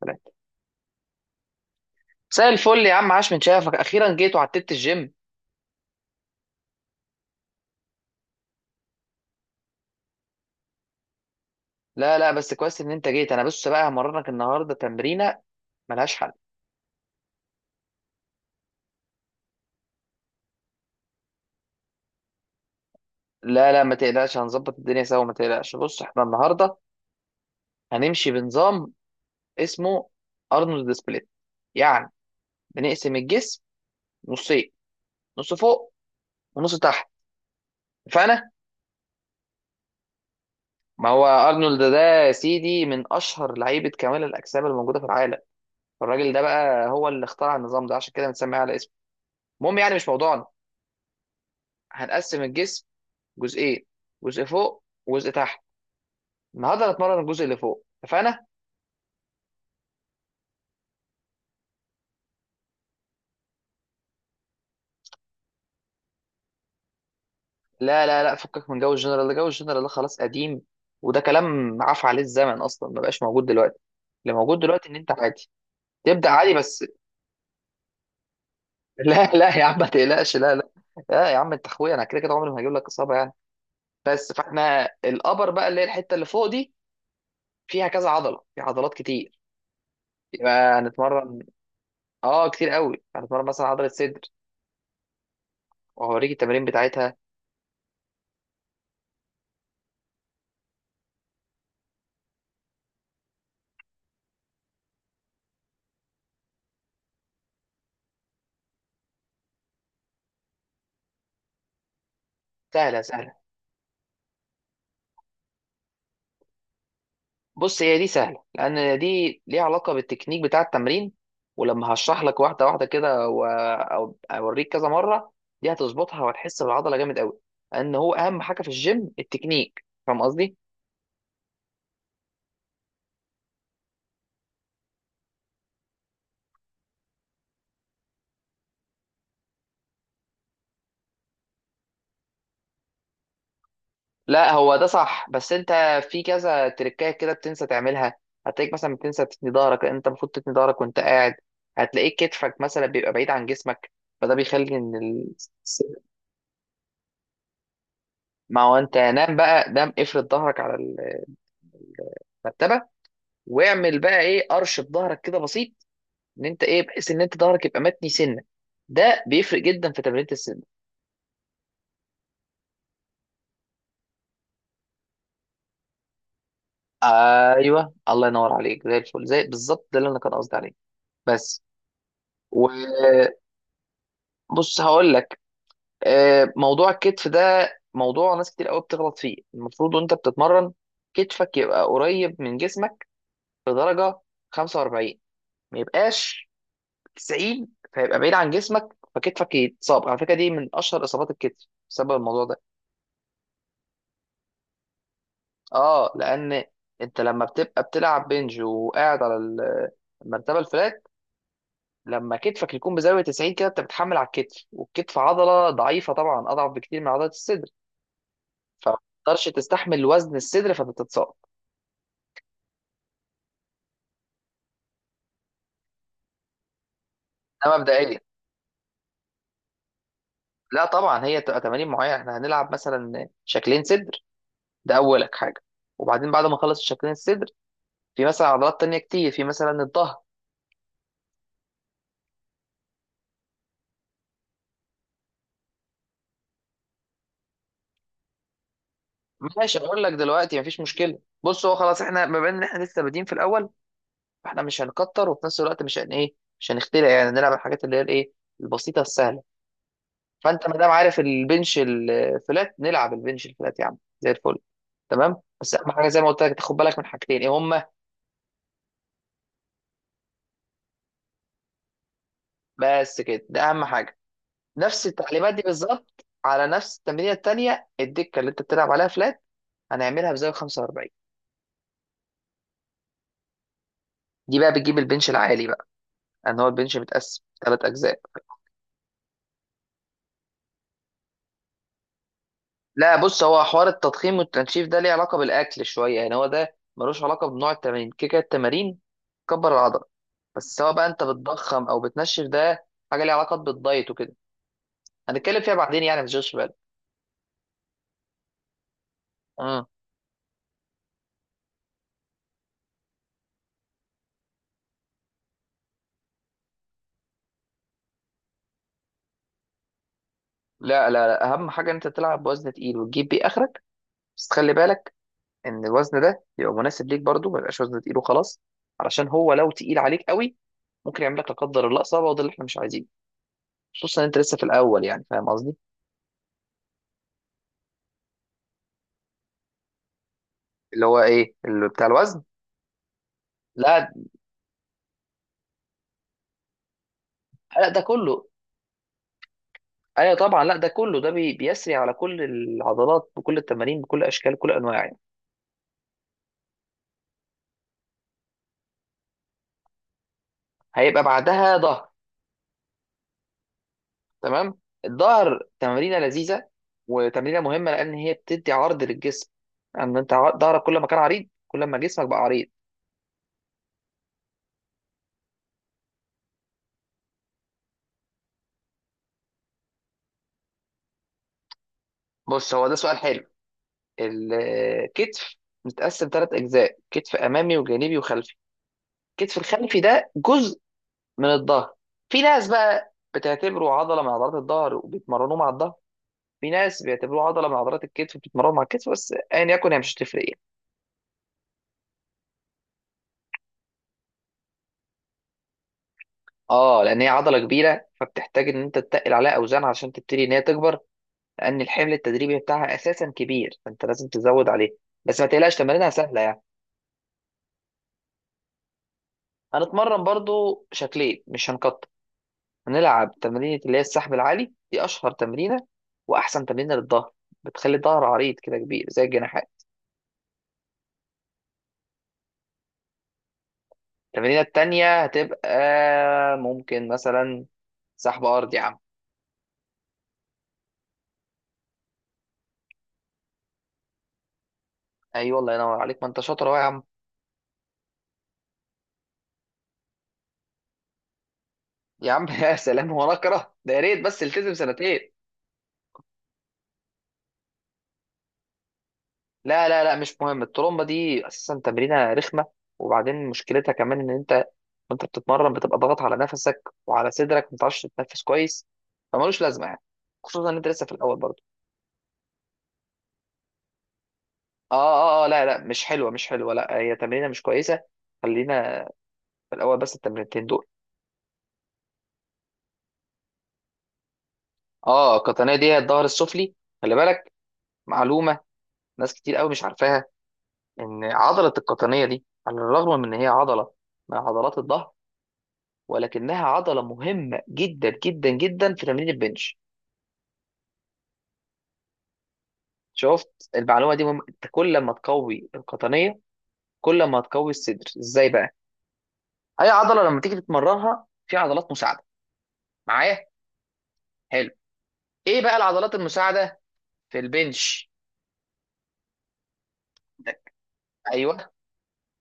ثلاثة. مساء الفل يا عم، عاش من شافك، اخيرا جيت وعتبت الجيم. لا لا، بس كويس ان انت جيت. انا بص بقى همرنك النهارده تمرينه ملهاش حل. لا لا ما تقلقش، هنظبط الدنيا سوا، ما تقلقش. بص احنا النهارده هنمشي بنظام اسمه ارنولد سبليت، يعني بنقسم الجسم نصين، نص فوق ونص تحت. اتفقنا؟ ما هو ارنولد ده يا سيدي من اشهر لعيبه كمال الاجسام اللي موجوده في العالم. الراجل ده بقى هو اللي اخترع النظام ده، عشان كده بنسميه على اسمه. المهم يعني مش موضوعنا. هنقسم الجسم جزئين، جزء فوق وجزء تحت. النهارده هنتمرن الجزء اللي فوق، اتفقنا؟ لا لا لا، فكك من جو الجنرال ده، جو الجنرال ده خلاص قديم، وده كلام عفى عليه الزمن اصلا، ما بقاش موجود دلوقتي. اللي موجود دلوقتي ان انت عادي، تبدا عادي بس. لا لا يا عم ما تقلقش، لا لا. لا يا عم انت اخويا، انا كده كده عمري ما هجيب لك اصابه يعني. بس فاحنا الابر بقى اللي هي الحته اللي فوق دي، فيها كذا عضله، في عضلات كتير، يبقى هنتمرن. اه كتير قوي، هنتمرن مثلا عضله صدر وهوريك التمارين بتاعتها. سهله سهله. بص، هي دي سهله لان دي ليها علاقه بالتكنيك بتاع التمرين، ولما هشرح لك واحده واحده كده او اوريك كذا مره، دي هتظبطها وهتحس بالعضله جامد قوي، لان هو اهم حاجه في الجيم التكنيك، فاهم قصدي؟ لا هو ده صح، بس انت في كذا تريكايه كده بتنسى تعملها. هتلاقيك مثلا بتنسى تثني ظهرك، لأن انت المفروض تثني ظهرك وانت قاعد. هتلاقيك كتفك مثلا بيبقى بعيد عن جسمك، فده بيخلي ما هو انت نام بقى، نام افرد ظهرك على المرتبه، واعمل بقى ايه، قرش في ظهرك كده بسيط، ان انت ايه، بحيث ان انت ظهرك يبقى متني سنه. ده بيفرق جدا في تمرينة السن. ايوه، الله ينور عليك، زي الفل، زي بالظبط ده اللي انا كان قصدي عليه بس. وبص هقول لك، موضوع الكتف ده موضوع ناس كتير قوي بتغلط فيه. المفروض وانت بتتمرن كتفك يبقى قريب من جسمك بدرجه 45، ما يبقاش 90 فيبقى بعيد عن جسمك. فكتفك يتصاب، على فكره دي من اشهر اصابات الكتف بسبب الموضوع ده. اه لان انت لما بتبقى بتلعب بنج وقاعد على المرتبه الفلات، لما كتفك يكون بزاويه 90 كده انت بتحمل على الكتف، والكتف عضله ضعيفه طبعا، اضعف بكتير من عضله الصدر، فما تقدرش تستحمل وزن الصدر فبتتصاب. ده مبدئيا. لا طبعا، هي تبقى تمارين معينه، احنا هنلعب مثلا شكلين صدر، ده اولك حاجه، وبعدين بعد ما نخلص الشكلين الصدر في مثلا عضلات تانية كتير، في مثلا الظهر. ماشي، اقول لك دلوقتي مفيش مشكله. بص هو خلاص احنا بما ان احنا لسه بادئين في الاول، فاحنا مش هنكتر، وفي نفس الوقت مش هن ايه مش هنخترع يعني، نلعب الحاجات اللي هي الايه، البسيطه السهله. فانت ما دام عارف البنش الفلات، نلعب البنش الفلات يا عم زي الفل، تمام، بس اهم حاجه زي ما قلت لك تاخد بالك من حاجتين، ايه هما؟ بس كده، ده اهم حاجه. نفس التعليمات دي بالظبط على نفس التمرينه التانيه، الدكه اللي انت بتلعب عليها فلات هنعملها بزاويه 45. دي بقى بتجيب البنش العالي بقى، ان هو البنش متقسم ثلاث اجزاء. لا بص، هو حوار التضخيم والتنشيف ده ليه علاقة بالأكل شوية يعني، هو ده ملوش علاقة بنوع التمارين. كده كده التمارين كبر العضلة، بس سواء بقى أنت بتضخم أو بتنشف ده حاجة ليها علاقة بالدايت وكده، هنتكلم فيها بعدين يعني، ما تشغلش بالك. اه. لا لا لا، أهم حاجة إن أنت تلعب بوزن تقيل وتجيب بيه آخرك، بس خلي بالك إن الوزن ده يبقى مناسب ليك برضه، ما يبقاش وزن تقيل وخلاص، علشان هو لو تقيل عليك قوي ممكن يعمل لك لا قدر الله إصابة، وده اللي إحنا مش عايزينه، خصوصا إن أنت لسه في الأول يعني، فاهم قصدي؟ اللي هو إيه اللي بتاع الوزن. لا لا ده كله، ايوه طبعا، لا ده كله ده بيسري على كل العضلات، بكل التمارين، بكل اشكال، كل انواع يعني. هيبقى بعدها ظهر. تمام. الظهر تمرينه لذيذه وتمرينه مهمه، لان هي بتدي عرض للجسم، ان انت ظهرك كل ما كان عريض كل ما جسمك بقى عريض. بص هو ده سؤال حلو. الكتف متقسم ثلاث اجزاء، كتف امامي وجانبي وخلفي. الكتف الخلفي ده جزء من الظهر، في ناس بقى بتعتبره عضله من عضلات الظهر وبيتمرنوه مع الظهر، في ناس بيعتبروها عضله من عضلات الكتف بتتمرن مع الكتف، بس ايا يكن هي مش هتفرق ايه. اه لان هي عضله كبيره، فبتحتاج ان انت تتقل عليها اوزان عشان تبتدي ان هي تكبر، لان الحمل التدريبي بتاعها اساسا كبير فانت لازم تزود عليه، بس ما تقلقش تمارينها سهله يعني. هنتمرن برضو شكلين، مش هنقطع. هنلعب تمرينه اللي هي السحب العالي، دي اشهر تمرينه واحسن تمرينه للظهر، بتخلي الظهر عريض كده كبير زي الجناحات. التمرينه التانيه هتبقى ممكن مثلا سحب ارضي يا عم. ايوه الله ينور عليك، ما انت شاطر اهو يا عم. يا عم يا سلام، هو انا اكره ده، يا ريت بس التزم سنتين. لا لا لا مش مهم الترومبه دي اساسا تمرينه رخمه، وبعدين مشكلتها كمان ان انت وانت بتتمرن بتبقى ضاغط على نفسك وعلى صدرك، ما بتعرفش تتنفس كويس، فمالوش لازمه يعني، خصوصا ان انت لسه في الاول برضه. اه اه اه، لا لا مش حلوه، مش حلوه، لا هي تمرينه مش كويسه. خلينا في الاول بس التمرينتين دول. اه القطنيه دي هي الظهر السفلي، خلي بالك، معلومه ناس كتير قوي مش عارفاها، إن عضلة القطنية دي على الرغم من إن هي عضلة من عضلات الظهر، ولكنها عضلة مهمة جدا جدا جدا في تمرين البنش. شفت المعلومة دي مهمة، أنت كل ما تقوي القطنية كل ما هتقوي الصدر. إزاي بقى؟ أي عضلة لما تيجي تتمرنها في عضلات مساعدة، معايا؟ حلو. إيه بقى العضلات المساعدة في البنش؟ أيوه،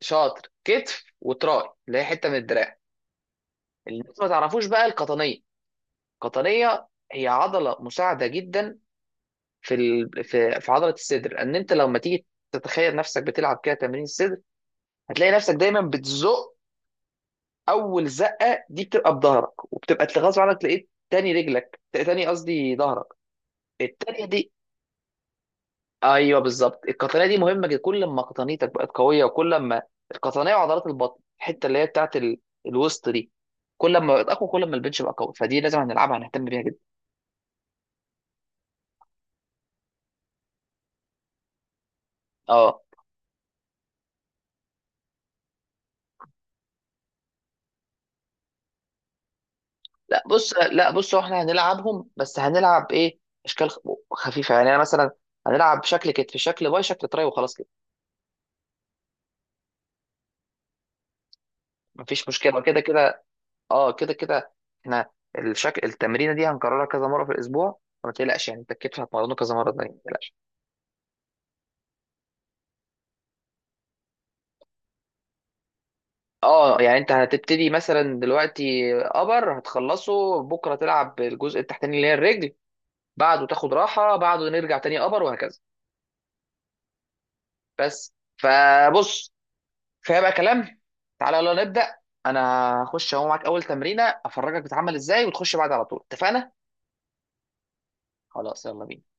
شاطر، كتف وتراي اللي هي حتة من الدراع. اللي الناس ما تعرفوش بقى القطنية، القطنية هي عضلة مساعدة جدا في ال... في في عضله الصدر، ان انت لما تيجي تتخيل نفسك بتلعب كده تمرين الصدر هتلاقي نفسك دايما بتزق، اول زقه دي بتبقى بظهرك وبتبقى غصب عنك تلاقيت تاني رجلك تاني قصدي ظهرك التانيه دي. ايوه بالظبط، القطنيه دي مهمه جدا. كل ما قطنيتك بقت قويه، وكل ما القطنيه وعضلات البطن الحته اللي هي بتاعت ال... الوسط دي، كل ما بقت اقوى كل ما البنش بقى قوي، فدي لازم هنلعبها هنهتم بيها جدا. اه. لا بص، لا بص، هو احنا هنلعبهم بس هنلعب ايه، اشكال خفيفه يعني. انا مثلا هنلعب شكل كتف، شكل باي، شكل تراي، وخلاص كده، مفيش مشكله، كده كده اه كده كده احنا الشكل التمرينه دي هنكررها كذا مره في الاسبوع، فما تقلقش يعني انت الكتف هتمرنه كذا مره تانية، ما تقلقش. اه يعني انت هتبتدي مثلا دلوقتي ابر، هتخلصه بكره تلعب الجزء التحتاني اللي هي الرجل، بعده تاخد راحه، بعده نرجع تاني ابر، وهكذا. بس فبص، فيبقى كلام. تعالى يلا نبدأ. انا هخش اهو معاك اول تمرينة افرجك بتعمل ازاي، وتخش بعد على طول، اتفقنا؟ خلاص يلا بينا.